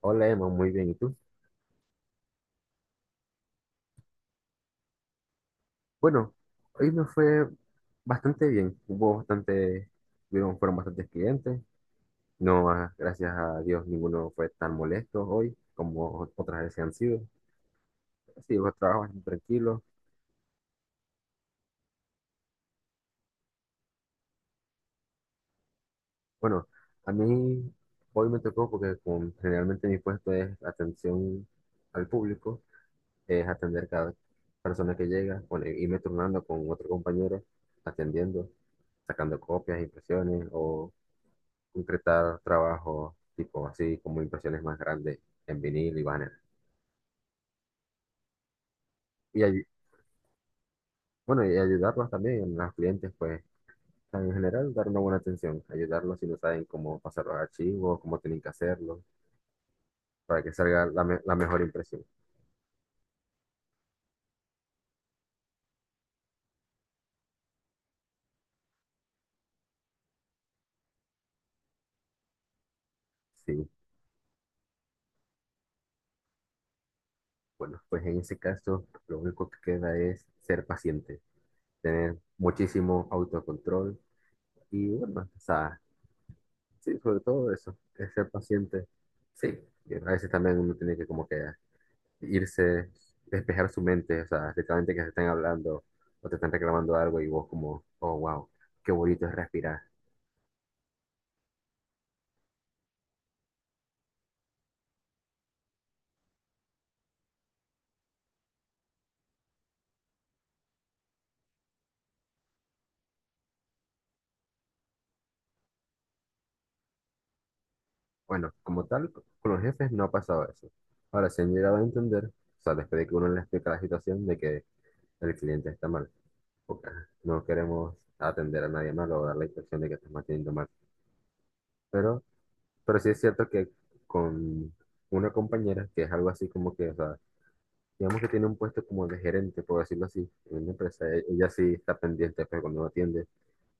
Hola Emma, muy bien. ¿Y tú? Bueno, hoy me fue bastante bien. Fueron bastantes clientes. No, ah, gracias a Dios, ninguno fue tan molesto hoy como otras veces han sido. Sí, los trabajos bastante tranquilos. Bueno, a mí hoy me tocó generalmente mi puesto es atención al público, es atender cada persona que llega, bueno, irme turnando con otro compañero, atendiendo, sacando copias, impresiones o concretar trabajos tipo así, como impresiones más grandes en vinil y banner. Y, ayu- bueno, y ayudarlos también a los clientes, pues, o sea, en general, dar una buena atención, ayudarlos si no saben cómo pasar los archivos, cómo tienen que hacerlo, para que salga la mejor impresión. Sí, bueno, pues en ese caso, lo único que queda es ser paciente, tener muchísimo autocontrol y, bueno, o sea, sí, sobre todo eso, es ser paciente. Sí, y a veces también uno tiene que como que irse, despejar su mente, o sea, literalmente que se estén hablando o te están reclamando algo y vos como, oh, wow, qué bonito es respirar. Bueno, como tal, con los jefes no ha pasado eso. Ahora, se han llegado a entender, o sea, después de que uno les explica la situación de que el cliente está mal, porque no queremos atender a nadie mal o dar la impresión de que estamos atendiendo mal. Pero, pero sí es cierto que con una compañera, que es algo así como que, o sea, digamos que tiene un puesto como de gerente, por decirlo así, en una empresa. E- Ella sí está pendiente, pues cuando no atiende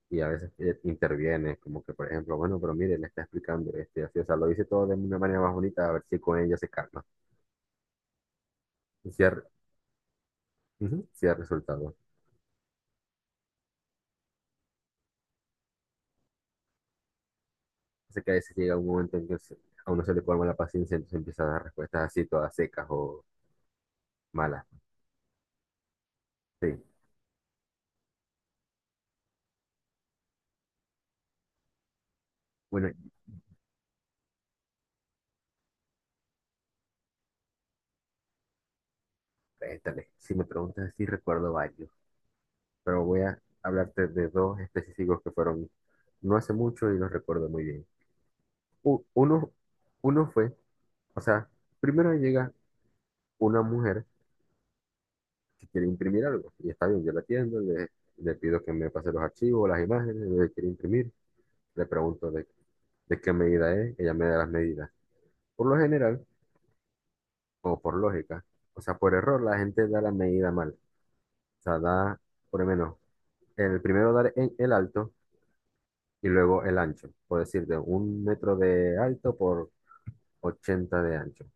y a veces interviene, como que, por ejemplo, bueno, pero mire, le está explicando, este, así, o sea, lo dice todo de una manera más bonita, a ver si con ella se calma. Y si ha, ujú, sí ha resultado. Así que a veces llega un momento en que se- a uno se le colma la paciencia, entonces empieza a dar respuestas así, todas secas o malas. Sí. Bueno, préstale. Si me preguntas, sí recuerdo varios, pero voy a hablarte de dos específicos que fueron no hace mucho y los recuerdo muy bien. u- uno, uno fue, o sea, primero llega una mujer que quiere imprimir algo, y está bien, yo la atiendo, le pido que me pase los archivos, las imágenes, le quiere imprimir, le pregunto de, de qué medida es, ella me da las medidas. Por lo general, o por lógica, o sea, por error, la gente da la medida mal, sea, da, por lo menos, el primero dar en el alto y luego el ancho, por decirte, un metro de alto por 80 de ancho.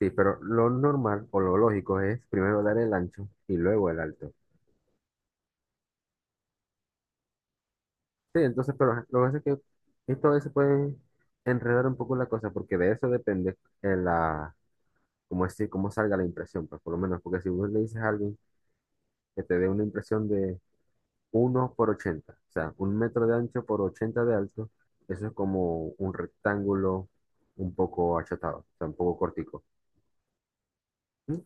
Sí, pero lo normal o lo lógico es primero dar el ancho y luego el alto. Sí, entonces, pero ajá, lo que pasa es que esto a veces puede enredar un poco la cosa porque de eso depende eh, la, cómo es, cómo salga la impresión, pues por lo menos, porque si vos le dices a alguien que te dé una impresión de uno por 80 o sea, un metro de ancho por 80 de alto, eso es como un rectángulo un poco achatado, o sea, un poco cortico. ¿Mm?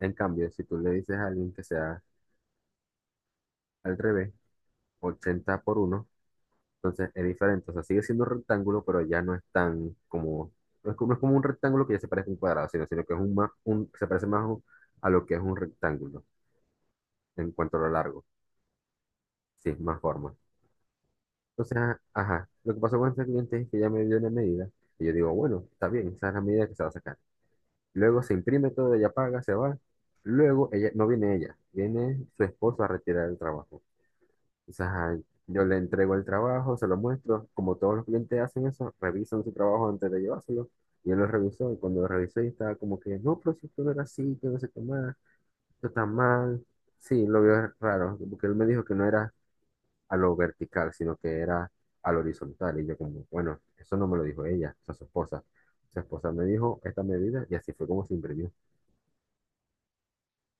En cambio, si tú le dices a alguien que sea al revés, 80 por uno. Entonces es diferente, o sea, sigue siendo un rectángulo, pero ya no es tan como, no es como un rectángulo que ya se parece a un cuadrado, sino que es se parece más a lo que es un rectángulo en cuanto a lo largo, sí, más forma. Entonces, ajá, lo que pasó con este cliente es que ya me dio una medida y yo digo, bueno, está bien, esa es la medida que se va a sacar. Luego se imprime todo, ella paga, se va. Luego ella, no viene ella, viene su esposo a retirar el trabajo. O sea, yo le entrego el trabajo, se lo muestro, como todos los clientes hacen eso, revisan su trabajo antes de llevárselo. Y él lo revisó, y cuando lo revisó, y estaba como que, no, pero si esto no era así, que no sé qué más, esto está mal. Sí, lo vio raro, porque él me dijo que no era a lo vertical, sino que era a lo horizontal. Y yo como, bueno, eso no me lo dijo ella, o sea, su esposa. Su esposa me dijo esta medida, y así fue como se imprimió,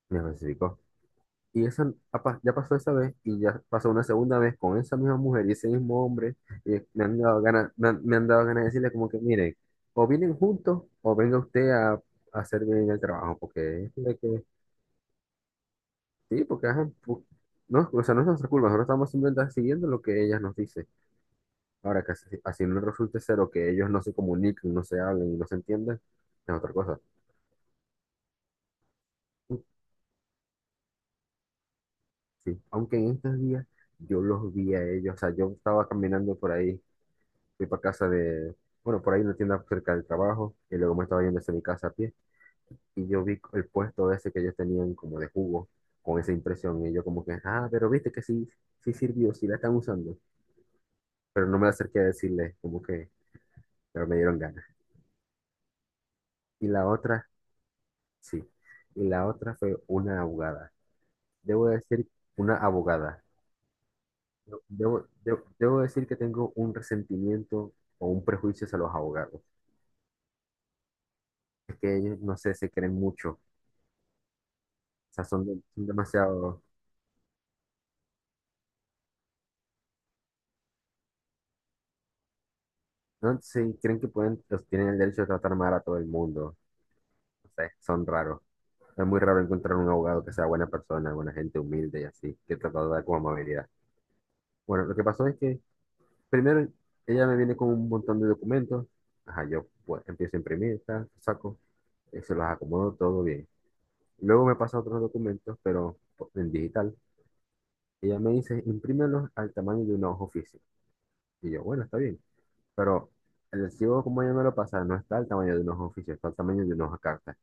me especificó. Ya pasó esa vez y ya pasó una segunda vez con esa misma mujer y ese mismo hombre. Y me han dado ganas, me han dado ganas de decirle como que, miren, o vienen juntos o venga usted a hacer bien el trabajo. Porque es de que, sí, porque ajá, no, o sea, no es nuestra culpa, nosotros estamos simplemente siguiendo lo que ellas nos dicen. Ahora que así no resulte ser o que ellos no se comuniquen, no se hablen y no se entiendan, es otra cosa. Sí, aunque en estos días yo los vi a ellos, o sea, yo estaba caminando por ahí fui para casa de, bueno, por ahí una tienda cerca del trabajo, y luego me estaba yendo hacia mi casa a pie, y yo vi el puesto ese que ellos tenían como de jugo, con esa impresión, y yo como que, ah, pero viste que sí, sí sirvió, sí la están usando, pero no me acerqué a decirles, como que, pero me dieron ganas. Y la otra, sí, y la otra fue una abogada, debo decir, una abogada. Debo decir que tengo un resentimiento o un prejuicio hacia los abogados. Es que ellos, no sé, se creen mucho. O sea, son demasiado. No sé, creen que pueden, tienen el derecho de tratar mal a todo el mundo. No sé, son raros. Es muy raro encontrar un abogado que sea buena persona, buena gente humilde y así, que trata de dar como amabilidad. Bueno, lo que pasó es que primero ella me viene con un montón de documentos. Ajá, yo pues, empiezo a imprimir, tal, saco, se los acomodo todo bien. Luego me pasa otros documentos, pero en digital. Ella me dice, imprímelos al tamaño de una hoja oficial. Y yo, bueno, está bien. Pero el recibo, como yo me lo pasa, no está al tamaño de unos oficios, está al tamaño de unos cartas.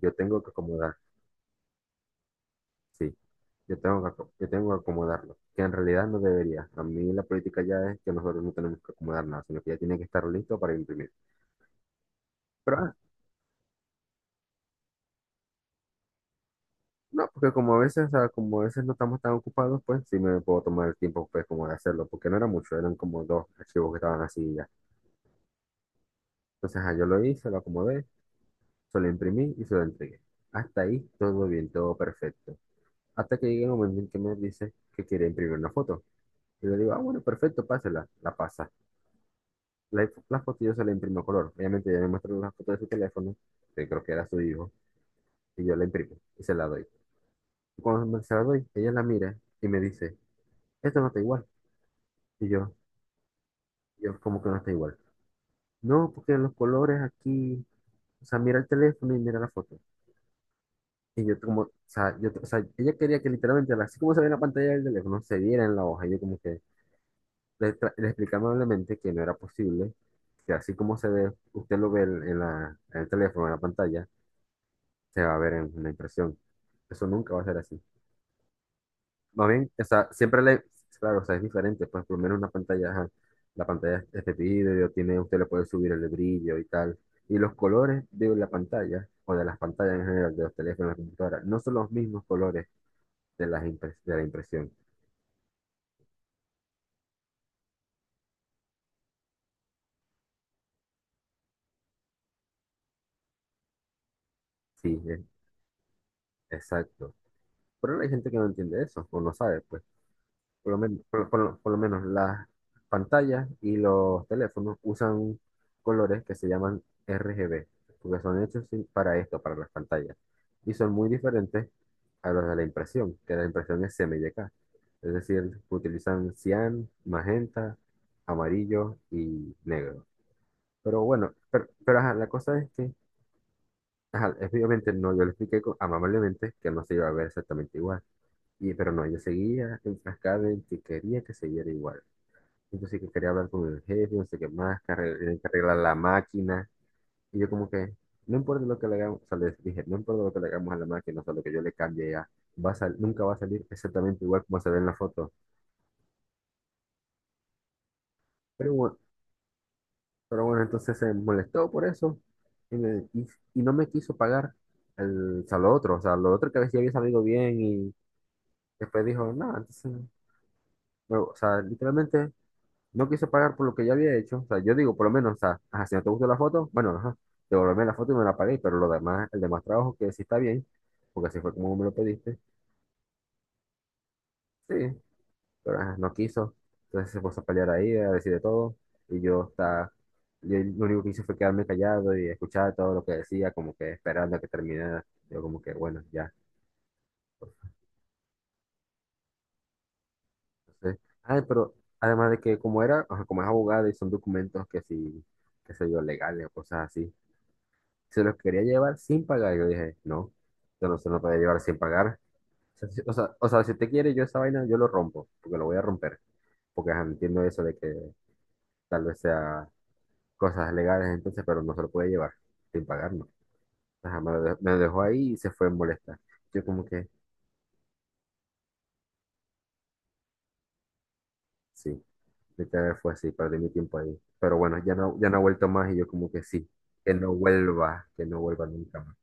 Yo tengo que acomodar, sí, yo tengo que acomodarlo, que en realidad no debería. A mí la política ya es que nosotros no tenemos que acomodar nada, sino que ya tiene que estar listo para imprimir. Pero ah, no, porque como a veces, como a veces no estamos tan ocupados, pues sí me puedo tomar el tiempo, pues, como de hacerlo, porque no era mucho, eran como dos archivos que estaban así y ya. Entonces, yo lo hice, lo acomodé, se lo imprimí y se lo entregué. Hasta ahí todo bien, todo perfecto. Hasta que llega un momento en que me dice que quiere imprimir una foto. Y le digo, ah, bueno, perfecto, pásela. La pasa. La foto yo se la imprimo a color. Obviamente ella me muestra la foto de su teléfono, que creo que era su hijo, y yo la imprimo y se la doy. Y cuando se la doy, ella la mira y me dice, esto no está igual. Y yo, ¿cómo que no está igual? No, porque los colores aquí, o sea, mira el teléfono y mira la foto. Y yo como, o sea, yo, o sea, ella quería que literalmente, así como se ve en la pantalla del teléfono, se viera en la hoja. Y yo como que... le expliqué amablemente que no era posible, que así como se ve, usted lo ve en en el teléfono, en la pantalla, se va a ver en la impresión. Eso nunca va a ser así. Más bien, o sea, claro, o sea, es diferente, pues por lo menos una pantalla, ajá, la pantalla es de vidrio, tiene, usted le puede subir el brillo y tal. Y los colores de la pantalla, o de las pantallas en general, de los teléfonos, de la computadora, no son los mismos colores de la impresión. Sí, es- exacto. Pero hay gente que no entiende eso, o no sabe, pues. Por lo menos las pantallas y los teléfonos usan colores que se llaman RGB, porque son hechos sin- para esto, para las pantallas. Y son muy diferentes a los de la impresión, que la impresión es CMYK. Es decir, utilizan cian, magenta, amarillo y negro. Pero bueno, ajá, la cosa es que, ajá, obviamente no, yo le expliqué amablemente que no se iba a ver exactamente igual. Y, pero no, yo seguía enfrascado en que quería que se viera igual. Entonces sí que quería hablar con el jefe, no sé qué más, tienen que arreglar la máquina. Y yo como que, no importa lo que le hagamos, o sea, les dije, no importa lo que le hagamos a la máquina, o sea, lo que yo le cambie ya, nunca va a salir exactamente igual como se ve en la foto. Pero bueno, pero bueno, entonces se molestó por eso y, me- y- y no me quiso pagar el, o sea, lo otro, o sea, lo otro que a veces había salido bien y después dijo, no, entonces, bueno, o sea, literalmente no quise pagar por lo que ya había hecho. O sea, yo digo, por lo menos, o sea, ajá, si no te gustó la foto, bueno, ajá, devolverme la foto y me la pagué, pero lo demás, el demás trabajo que sí está bien, porque así fue como me lo pediste. Sí, pero ajá, no quiso. Entonces se puso a pelear ahí, a decir de todo. Y yo, está, yo lo único que hice fue quedarme callado y escuchar todo lo que decía, como que esperando a que terminara. Yo como que, bueno, ya. pues, Entonces, ay, pero además de que como era, ajá, como es abogado y son documentos que sí, qué sé yo, legales o cosas así. Se los quería llevar sin pagar. Yo dije, no, esto no se lo puede llevar sin pagar. Si usted quiere, yo esa vaina, yo lo rompo, porque lo voy a romper. Porque ajá, entiendo eso de que tal vez sea cosas legales entonces, pero no se lo puede llevar sin pagar, no. Ajá, me lo dejó ahí y se fue molesta. Yo como que, sí, literal fue así, perdí mi tiempo ahí. Pero bueno, ya no ha vuelto más y yo como que sí, que no vuelva nunca más.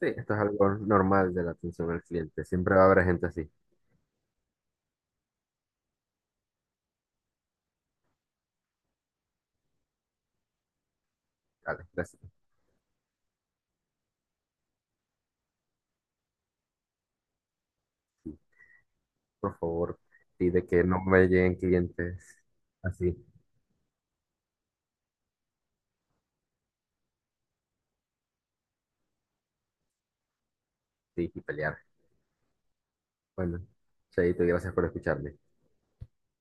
Sí, esto es algo normal de la atención al cliente. Siempre va a haber gente así. Dale, gracias. Por favor, y de que no me lleguen clientes así, sí, y pelear. Bueno, Chaito, y gracias por escucharme.